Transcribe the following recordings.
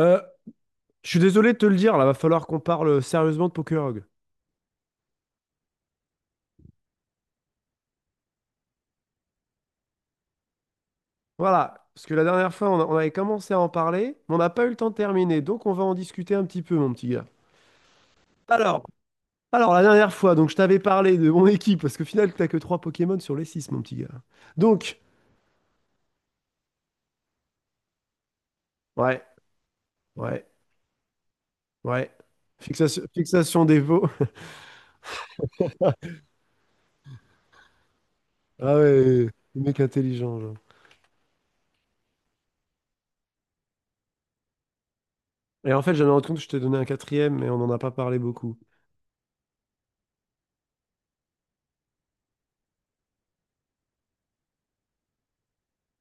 Euh, je suis désolé de te le dire, là, va falloir qu'on parle sérieusement de Pokerog. Voilà, parce que la dernière fois, on, on avait commencé à en parler, mais on n'a pas eu le temps de terminer, donc on va en discuter un petit peu, mon petit gars. Alors, alors, la dernière fois, donc je t'avais parlé de mon équipe, parce qu'au final, t'as que 3 Pokémon sur les six, mon petit gars. Donc, ouais, ouais, ouais. Fixation, fixation des veaux. Ah ouais, le mec intelligent, genre. Et en fait, j'avais rendu compte que je t'ai donné un quatrième, mais on n'en a pas parlé beaucoup.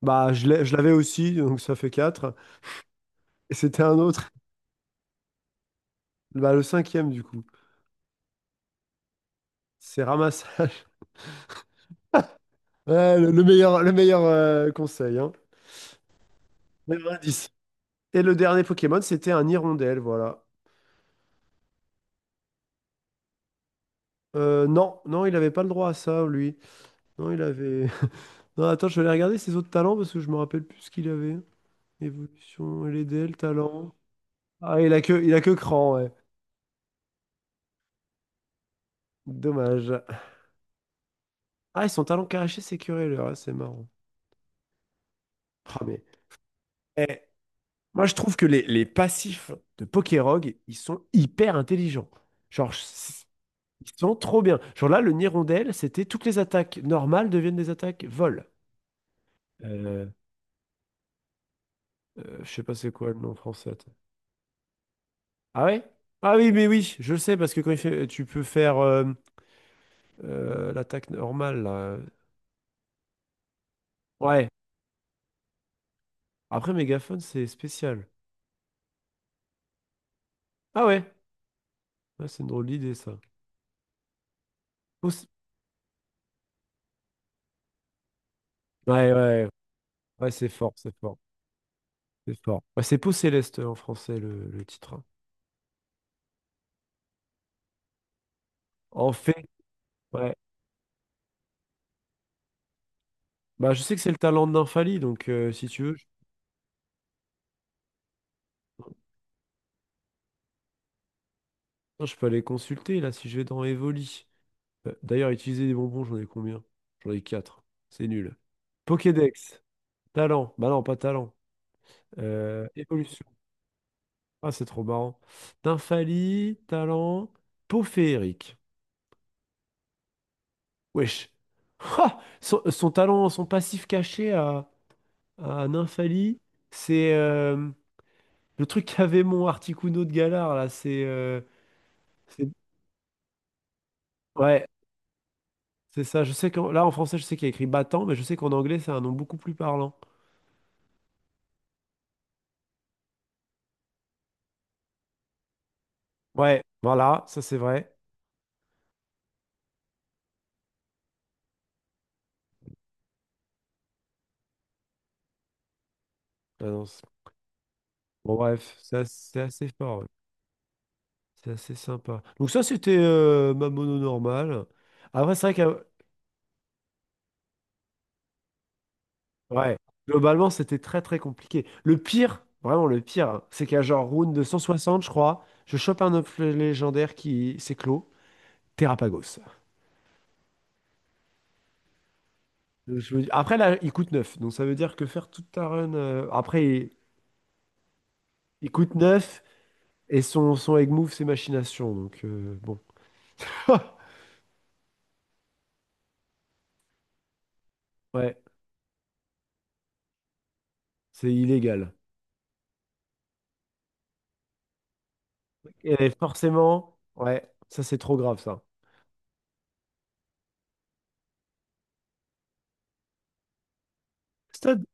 Bah, je l'avais aussi, donc ça fait 4. Et c'était un autre. Bah, le cinquième, du coup, c'est ramassage. Ouais, le meilleur conseil, hein. Meilleur indice. Et le dernier Pokémon, c'était un hirondelle, voilà. Non, non, il avait pas le droit à ça, lui. Non, il avait. Non, attends, je vais aller regarder ses autres talents parce que je me rappelle plus ce qu'il avait. Évolution, LDL, talent. Ah, il a que cran, ouais. Dommage. Ah, et son talent caché, c'est Curéleur, hein, c'est marrant. Ah, mais. Eh, moi, je trouve que les passifs de Pokérog, ils sont hyper intelligents. Genre, je- Ils sont trop bien. Genre là, le Nirondelle, c'était toutes les attaques normales deviennent des attaques vol. Euh, je sais pas c'est quoi le nom français. Attends. Ah ouais? Ah oui, mais oui, je le sais parce que quand il fait, tu peux faire l'attaque normale là. Ouais. Après, mégaphone, c'est spécial. Ah ouais? Ah, c'est une drôle d'idée ça. Pouce- Ouais, ouais, ouais, ouais, c'est fort, c'est fort, c'est fort. Ouais, c'est Peau Céleste en français le titre. Hein. En fait, ouais. Bah, je sais que c'est le talent de Nymphalie, donc si tu veux, non, je peux aller consulter là si je vais dans Evoli. D'ailleurs, utiliser des bonbons, j'en ai combien? J'en ai 4. C'est nul. Pokédex. Talent. Bah non, pas talent. Évolution. Ah, c'est trop marrant. Dynfalie, talent. Peau féerique. Wesh. Ha son, son talent, son passif caché à Nymphalie, c'est le truc qu'avait mon Articuno de Galar là. C'est. C'est- ouais, c'est ça. Je sais que là en français, je sais qu'il y a écrit battant, mais je sais qu'en anglais, c'est un nom beaucoup plus parlant. Ouais, voilà, ça c'est vrai. Ah non, c'est- bon, bref, c'est assez, fort, ouais. C'est assez sympa. Donc ça, c'était ma mono normale. Après, c'est vrai que, ouais, globalement, c'était très très compliqué. Le pire, vraiment le pire, hein, c'est qu'à genre round de 160, je crois, je chope un œuf légendaire qui s'éclot, Terrapagos. Donc, je me dis- Après, là, il coûte 9. Donc ça veut dire que faire toute ta run. Après, il coûte 9 et son, son egg move, c'est machination, donc bon. Ouais, c'est illégal. Et forcément, ouais, ça c'est trop grave ça. Stade,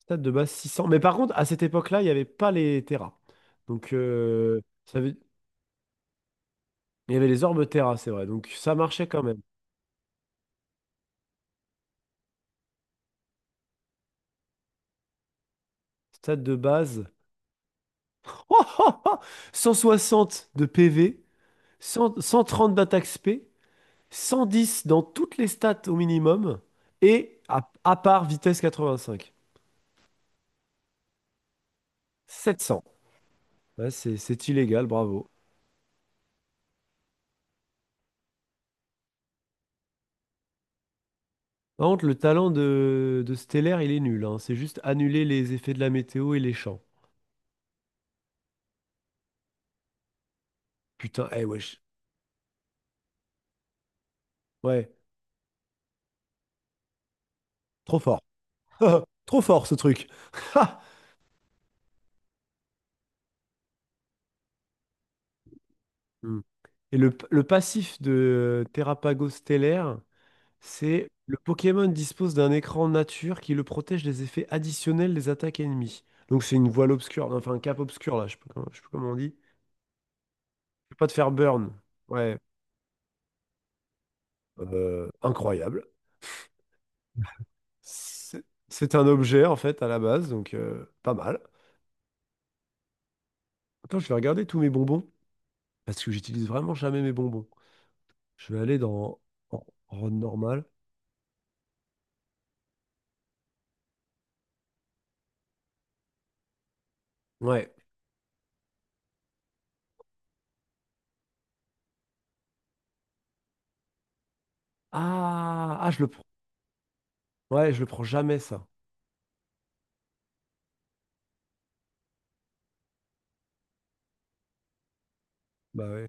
Stade de base 600. Mais par contre, à cette époque-là, il n'y avait pas les terras. Donc, ça veut- il y avait les orbes terras, c'est vrai. Donc, ça marchait quand même. Stade de base. 160 de PV, 100 130 d'attaque spé, 110 dans toutes les stats au minimum, et à part vitesse 85. 700. Ouais, c'est illégal, bravo. Par contre, le talent de Stellaire, il est nul, hein. C'est juste annuler les effets de la météo et les champs. Putain, eh wesh. Ouais, trop fort. Trop fort ce truc. Ha hmm. Et le passif de Terrapago Stellaire, c'est le Pokémon dispose d'un écran nature qui le protège des effets additionnels des attaques ennemies. Donc c'est une voile obscure, enfin un cap obscur là, je sais pas comment, je sais pas comment on dit. Je peux pas te faire burn. Ouais, Incroyable. C'est un objet en fait à la base, donc pas mal. Attends, je vais regarder tous mes bonbons parce que j'utilise vraiment jamais mes bonbons. Je vais aller dans en, en normal. Ouais. Ah, ah, je le prends. Ouais, je le prends jamais ça. Bah ouais.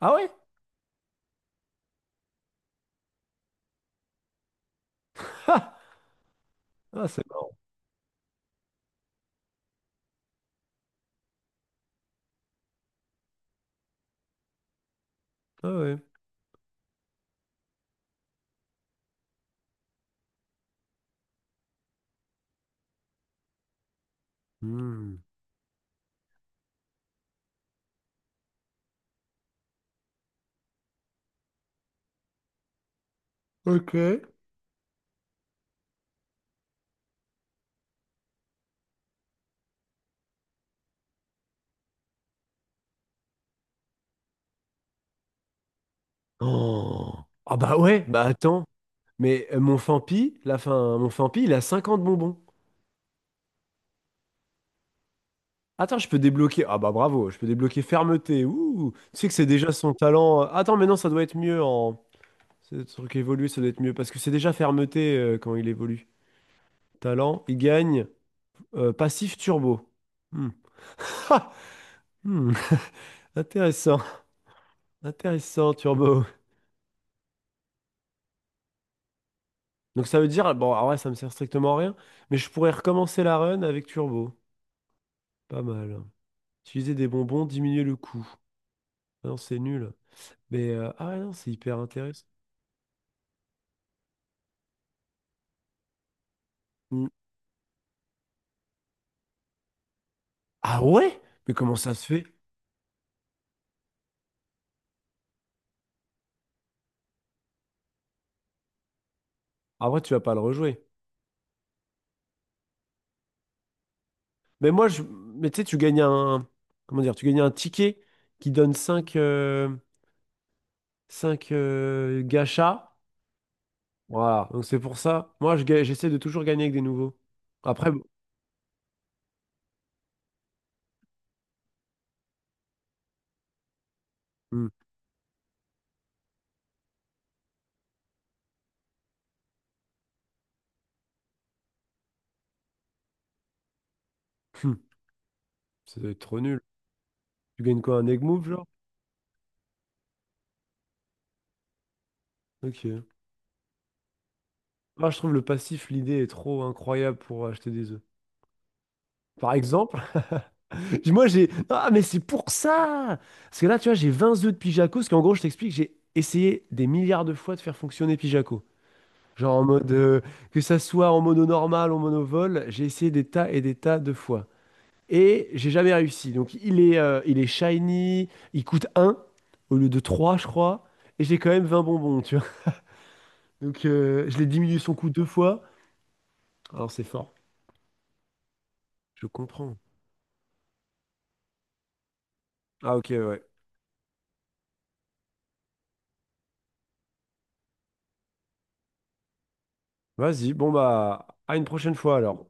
Ah ouais? Ah, ah, c'est marrant. Ah ouais. Hmm. Ok. Oh. Ah bah ouais, bah attends. Mais mon Fampi, la fin, mon Fampi, il a 50 bonbons. Attends, je peux débloquer. Ah bah bravo, je peux débloquer fermeté. Ouh, tu sais que c'est déjà son talent. Attends, mais non, ça doit être mieux en. Ce truc évoluer, ça doit être mieux. Parce que c'est déjà fermeté quand il évolue. Talent, il gagne. Passif turbo. Hmm. Hmm. Intéressant. Intéressant, turbo. Donc ça veut dire, bon, ah ouais, ça me sert strictement à rien, mais je pourrais recommencer la run avec turbo. Pas mal. Utiliser des bonbons, diminuer le coût. Ah non, c'est nul. Mais, ah ouais, non, c'est hyper intéressant. Hmm. Ah ouais? Mais comment ça se fait? Ah ouais, tu vas pas le rejouer. Mais moi, je... mais tu sais, tu gagnes un... Comment dire? Tu gagnes un ticket qui donne cinq 5 gachas. Voilà. Donc c'est pour ça. Moi, j'essaie de toujours gagner avec des nouveaux. Après, bon, hmm, hmm, ça doit être trop nul. Tu gagnes quoi? Un egg move, genre? Ok. Moi, je trouve le passif, l'idée est trop incroyable pour acheter des œufs. Par exemple, moi j'ai... Ah, mais c'est pour ça! Parce que là, tu vois, j'ai 20 œufs de Pijaco, parce qu'en gros, je t'explique, j'ai essayé des milliards de fois de faire fonctionner Pijaco. Genre en mode, que ça soit en mono normal, en monovol, j'ai essayé des tas et des tas de fois. Et j'ai jamais réussi. Donc il est shiny, il coûte un au lieu de 3, je crois. Et j'ai quand même 20 bonbons, tu vois. Donc je l'ai diminué son coût deux fois. Alors c'est fort. Je comprends. Ah ok, ouais. Vas-y, bon bah, à une prochaine fois alors.